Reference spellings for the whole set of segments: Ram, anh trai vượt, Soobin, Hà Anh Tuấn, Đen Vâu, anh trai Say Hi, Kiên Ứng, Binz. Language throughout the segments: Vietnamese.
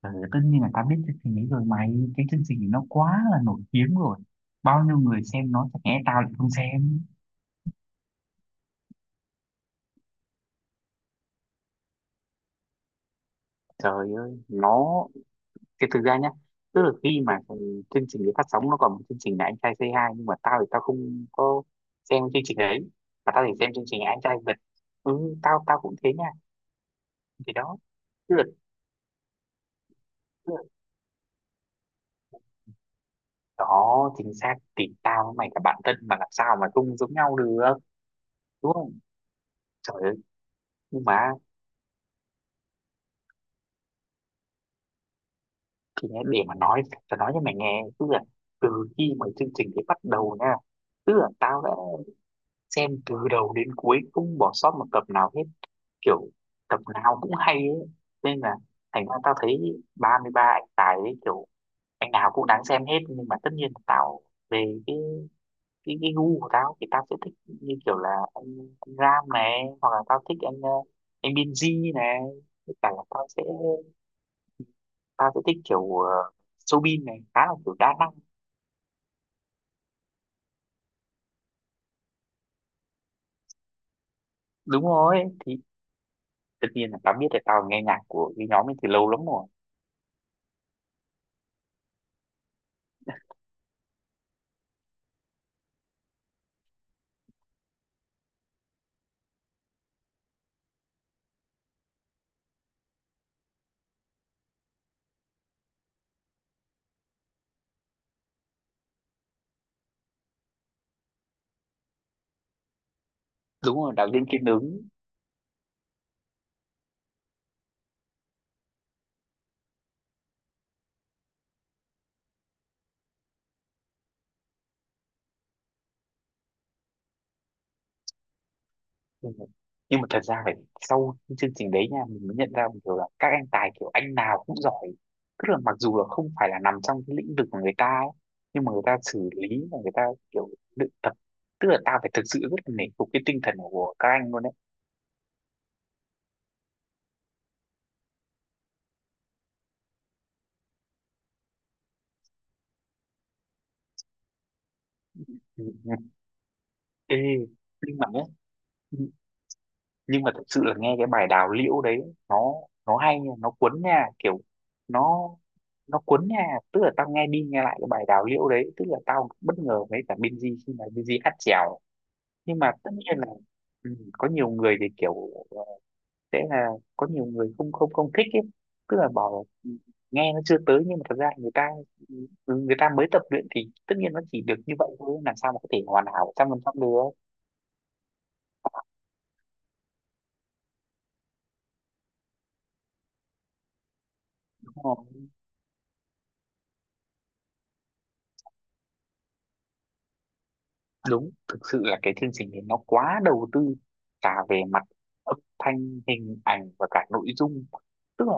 Ờ, tất nhiên là tao biết chương trình ấy rồi mày. Cái chương trình ấy nó quá là nổi tiếng rồi, bao nhiêu người xem nó chẳng lẽ tao lại không xem. Trời ơi cái thực ra nhá, tức là khi mà cái chương trình ấy phát sóng nó còn một chương trình là anh trai Say Hi, nhưng mà tao thì tao không có xem chương trình ấy, mà tao chỉ xem chương trình anh trai vượt. Ừ, tao tao cũng thế nha. Thì đó, tức là, tức là đó chính xác thì tao với mày là bạn thân mà làm sao mà không giống nhau được, đúng không? Trời ơi. Nhưng mà thì nhá, để mà nói tao nói cho mày nghe, tức là từ khi mà chương trình ấy bắt đầu nha, tức là tao đã xem từ đầu đến cuối không bỏ sót một tập nào hết, kiểu tập nào cũng hay ấy, nên là thành ra tao thấy 33 anh tài ấy kiểu anh nào cũng đáng xem hết, nhưng mà tất nhiên tao về cái gu của tao thì tao sẽ thích như kiểu là anh Ram này, hoặc là tao thích anh anh Binz này. Tất cả là tao sẽ thích kiểu Soobin này, khá là kiểu đa năng. Đúng rồi, thì tất nhiên là tao biết là tao nghe nhạc của cái nhóm ấy từ lâu lắm rồi. Đúng rồi, đạo diễn Kiên Ứng. Ừ. Nhưng mà thật ra phải sau cái chương trình đấy nha mình mới nhận ra một điều là các anh tài kiểu anh nào cũng giỏi, tức là mặc dù là không phải là nằm trong cái lĩnh vực của người ta ấy, nhưng mà người ta xử lý và người ta kiểu luyện tập, tức là tao phải thực sự rất là nể phục cái tinh thần của các anh luôn đấy. Ừ. Ừ. Ê, nhưng mà nhé, nhưng mà thật sự là nghe cái bài đào liễu đấy, nó nó hay nha, nó cuốn nha, kiểu nó nó cuốn nha, tức là tao nghe đi nghe lại cái bài đào liễu đấy, tức là tao bất ngờ với cả Binz khi mà Binz hát chèo. Nhưng mà tất nhiên là, ừ, có nhiều người thì kiểu ờ, sẽ là có nhiều người không không không thích ấy, tức là bảo là, ừ, nghe nó chưa tới, nhưng mà thật ra là người ta, ừ, người ta mới tập luyện thì tất nhiên nó chỉ được như vậy thôi, làm sao mà có thể hoàn hảo 100% được, đúng không? Đúng, thực sự là cái chương trình này nó quá đầu tư, cả về mặt âm thanh, hình ảnh và cả nội dung, tức là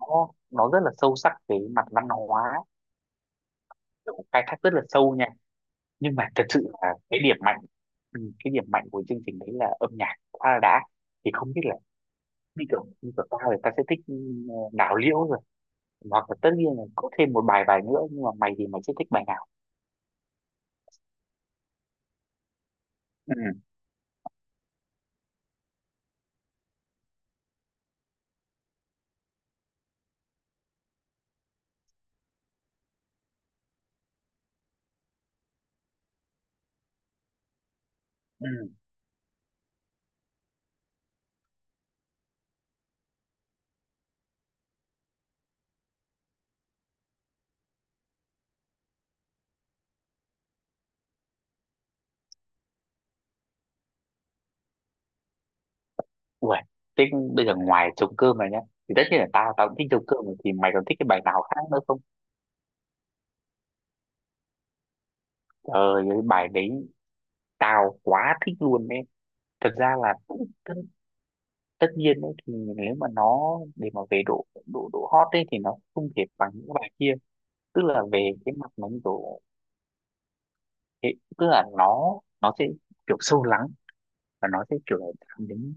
nó rất là sâu sắc về mặt văn hóa, nó cũng khai thác rất là sâu nha. Nhưng mà thật sự là cái điểm mạnh, ừ, cái điểm mạnh của chương trình đấy là âm nhạc quá là đã. Thì không biết là như kiểu như của tao thì tao sẽ thích, ừ, đào liễu rồi, hoặc là tất nhiên là có thêm một bài bài nữa, nhưng mà mày thì mày sẽ thích bài nào? Ừ, ừ. Uầy, thế bây giờ ngoài trống cơm này nhá, thì tất nhiên là tao tao cũng thích trống cơm rồi, thì mày còn thích cái bài nào khác nữa không? Trời, cái bài đấy tao quá thích luôn đấy. Thật ra là tất nhiên đấy, thì nếu mà nó để mà về độ độ độ hot ấy thì nó không thể bằng những bài kia, tức là về cái mặt nó độ tức là nó sẽ kiểu sâu lắng, và nó sẽ kiểu chạm đến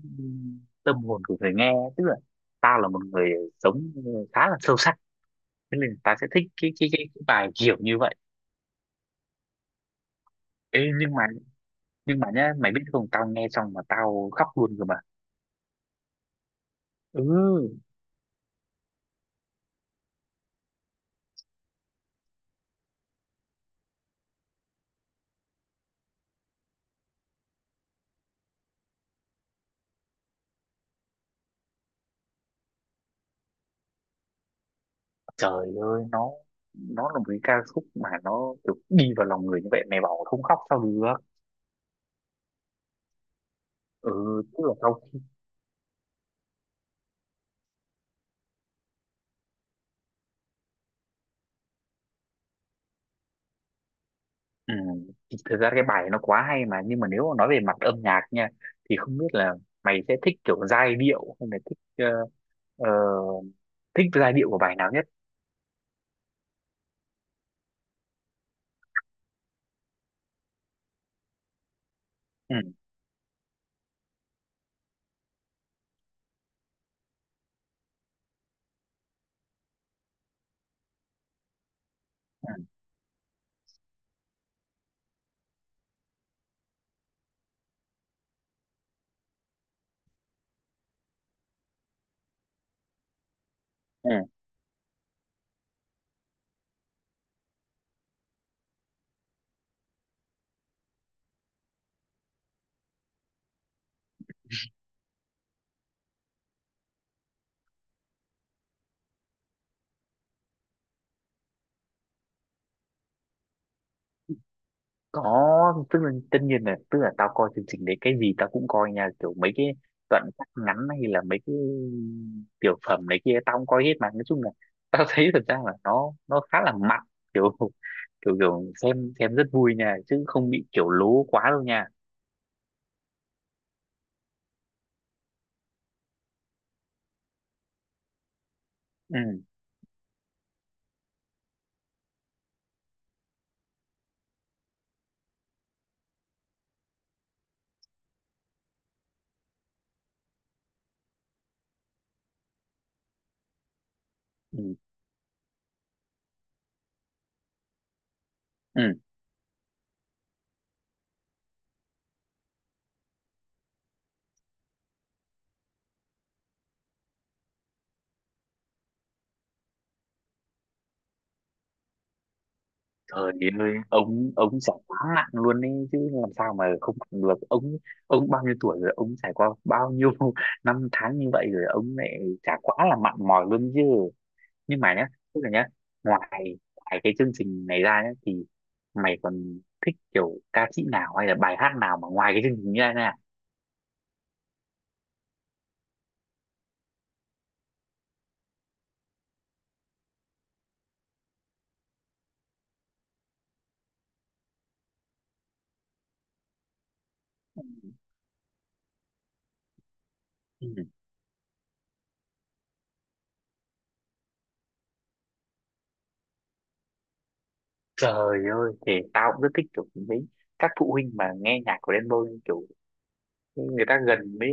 tâm hồn của người nghe, tức là tao là một người sống khá là sâu sắc, thế nên ta sẽ thích cái bài kiểu như vậy. Ê, nhưng mà nhưng mà nhá, mày biết không, tao nghe xong mà tao khóc luôn rồi mà. Ừ. Trời ơi, nó là một cái ca khúc mà nó kiểu đi vào lòng người như vậy, mày bảo không khóc sao được? Ừ, tức là tao, ừ, thì thực ra cái bài nó quá hay mà, nhưng mà nếu mà nói về mặt âm nhạc nha thì không biết là mày sẽ thích kiểu giai điệu hay là thích ờ, ờ, thích giai điệu của bài nào nhất? Ừ, ừ, ừ. Có, tức là tất nhiên là tức là tao coi chương trình đấy cái gì tao cũng coi nha, kiểu mấy cái đoạn cắt ngắn hay là mấy cái tiểu phẩm này kia tao cũng coi hết, mà nói chung là tao thấy thật ra là nó khá là mặn, kiểu kiểu kiểu xem rất vui nha, chứ không bị kiểu lố quá đâu nha. Ừ, ừ, ừ. Trời ơi, ông trải quá nặng luôn ấy chứ, làm sao mà không mặn được ông? Ông bao nhiêu tuổi rồi, ông trải qua bao nhiêu năm tháng như vậy rồi, ông lại chả quá là mặn mòi luôn chứ. Nhưng mà nhá, tức là nhá, ngoài ngoài cái chương trình này ra nhá thì mày còn thích kiểu ca sĩ nào hay là bài hát nào mà ngoài cái chương trình ra nè? Ừ. Trời ơi, thì tao cũng rất thích kiểu mấy các phụ huynh mà nghe nhạc của Đen Vâu, kiểu người ta gần với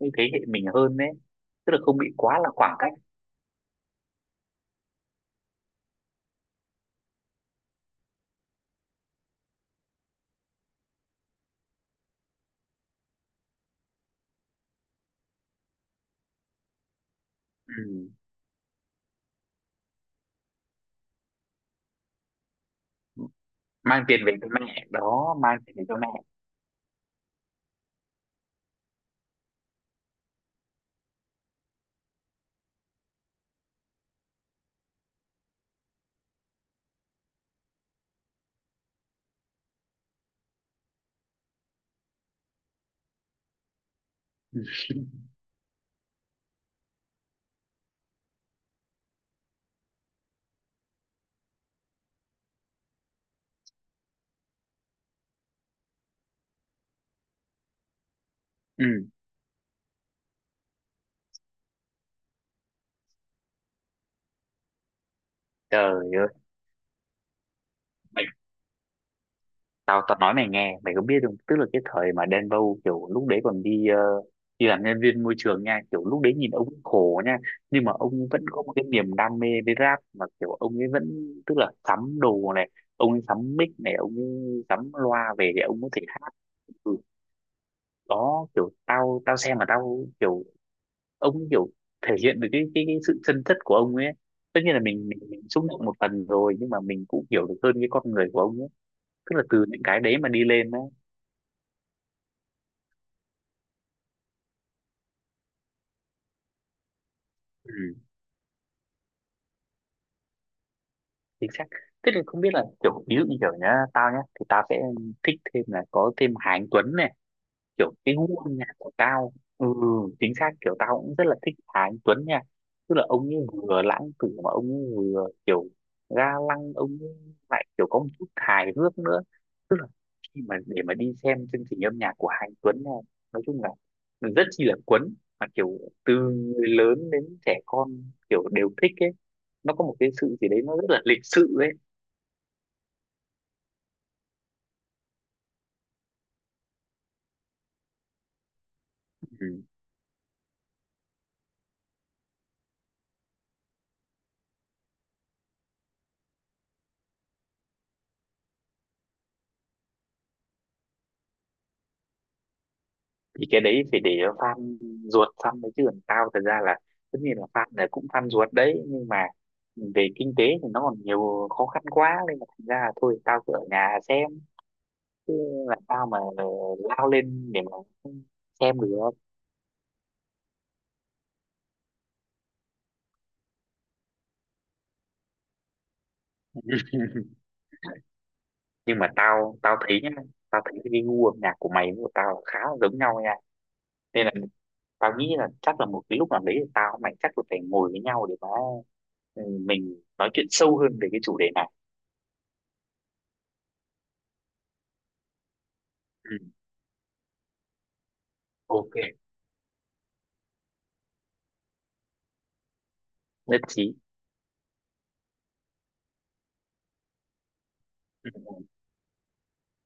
với thế hệ mình hơn đấy, tức là không bị quá là khoảng cách. Ừ. Mang tiền về cho mẹ đó, mang tiền về cho mẹ. Ừ. Ừ. Trời ơi, tao tao nói mày nghe, mày có biết không, tức là cái thời mà Đen Vâu kiểu lúc đấy còn đi đi làm nhân viên môi trường nha, kiểu lúc đấy nhìn ông khổ nha, nhưng mà ông vẫn có một cái niềm đam mê với rap mà, kiểu ông ấy vẫn, tức là sắm đồ này, ông ấy sắm mic này, ông ấy sắm loa về để ông có thể hát. Ừ. Đó, kiểu tao tao xem mà tao kiểu ông ấy kiểu thể hiện được cái sự chân chất của ông ấy, tất nhiên là mình xúc động một phần rồi, nhưng mà mình cũng hiểu được hơn cái con người của ông ấy, tức là từ những cái đấy mà đi lên đó. Ừ. Chính xác, tức là không biết là kiểu ví dụ như kiểu nhá, tao nhá thì tao sẽ thích thêm là có thêm Hà Anh Tuấn này, kiểu cái gu âm nhạc của tao. Ừ, chính xác, kiểu tao cũng rất là thích Hà Anh Tuấn nha, tức là ông ấy vừa lãng tử mà ông ấy vừa kiểu ga lăng, ông ấy lại kiểu có một chút hài hước nữa, tức là khi mà để mà đi xem chương trình âm nhạc của Hà Anh Tuấn này nói chung là rất chi là cuốn, mà kiểu từ người lớn đến trẻ con kiểu đều thích ấy, nó có một cái sự gì đấy nó rất là lịch sự ấy. Ừ. Thì cái đấy phải để fan ruột săn đấy, chứ còn tao thật ra là tất nhiên là fan này cũng fan ruột đấy, nhưng mà về kinh tế thì nó còn nhiều khó khăn quá nên là thành ra là thôi tao cứ ở nhà xem, chứ là tao mà lao lên để mà xem được. Nhưng mà tao tao thấy nhá, tao thấy cái gu âm nhạc của mày với của tao là khá là giống nhau nha, nên là tao nghĩ là chắc là một cái lúc nào đấy thì tao với mày chắc là phải ngồi với nhau để mà, ừ, mình nói chuyện sâu hơn về cái chủ đề này. Ừ. OK. Nhất trí. Ừ.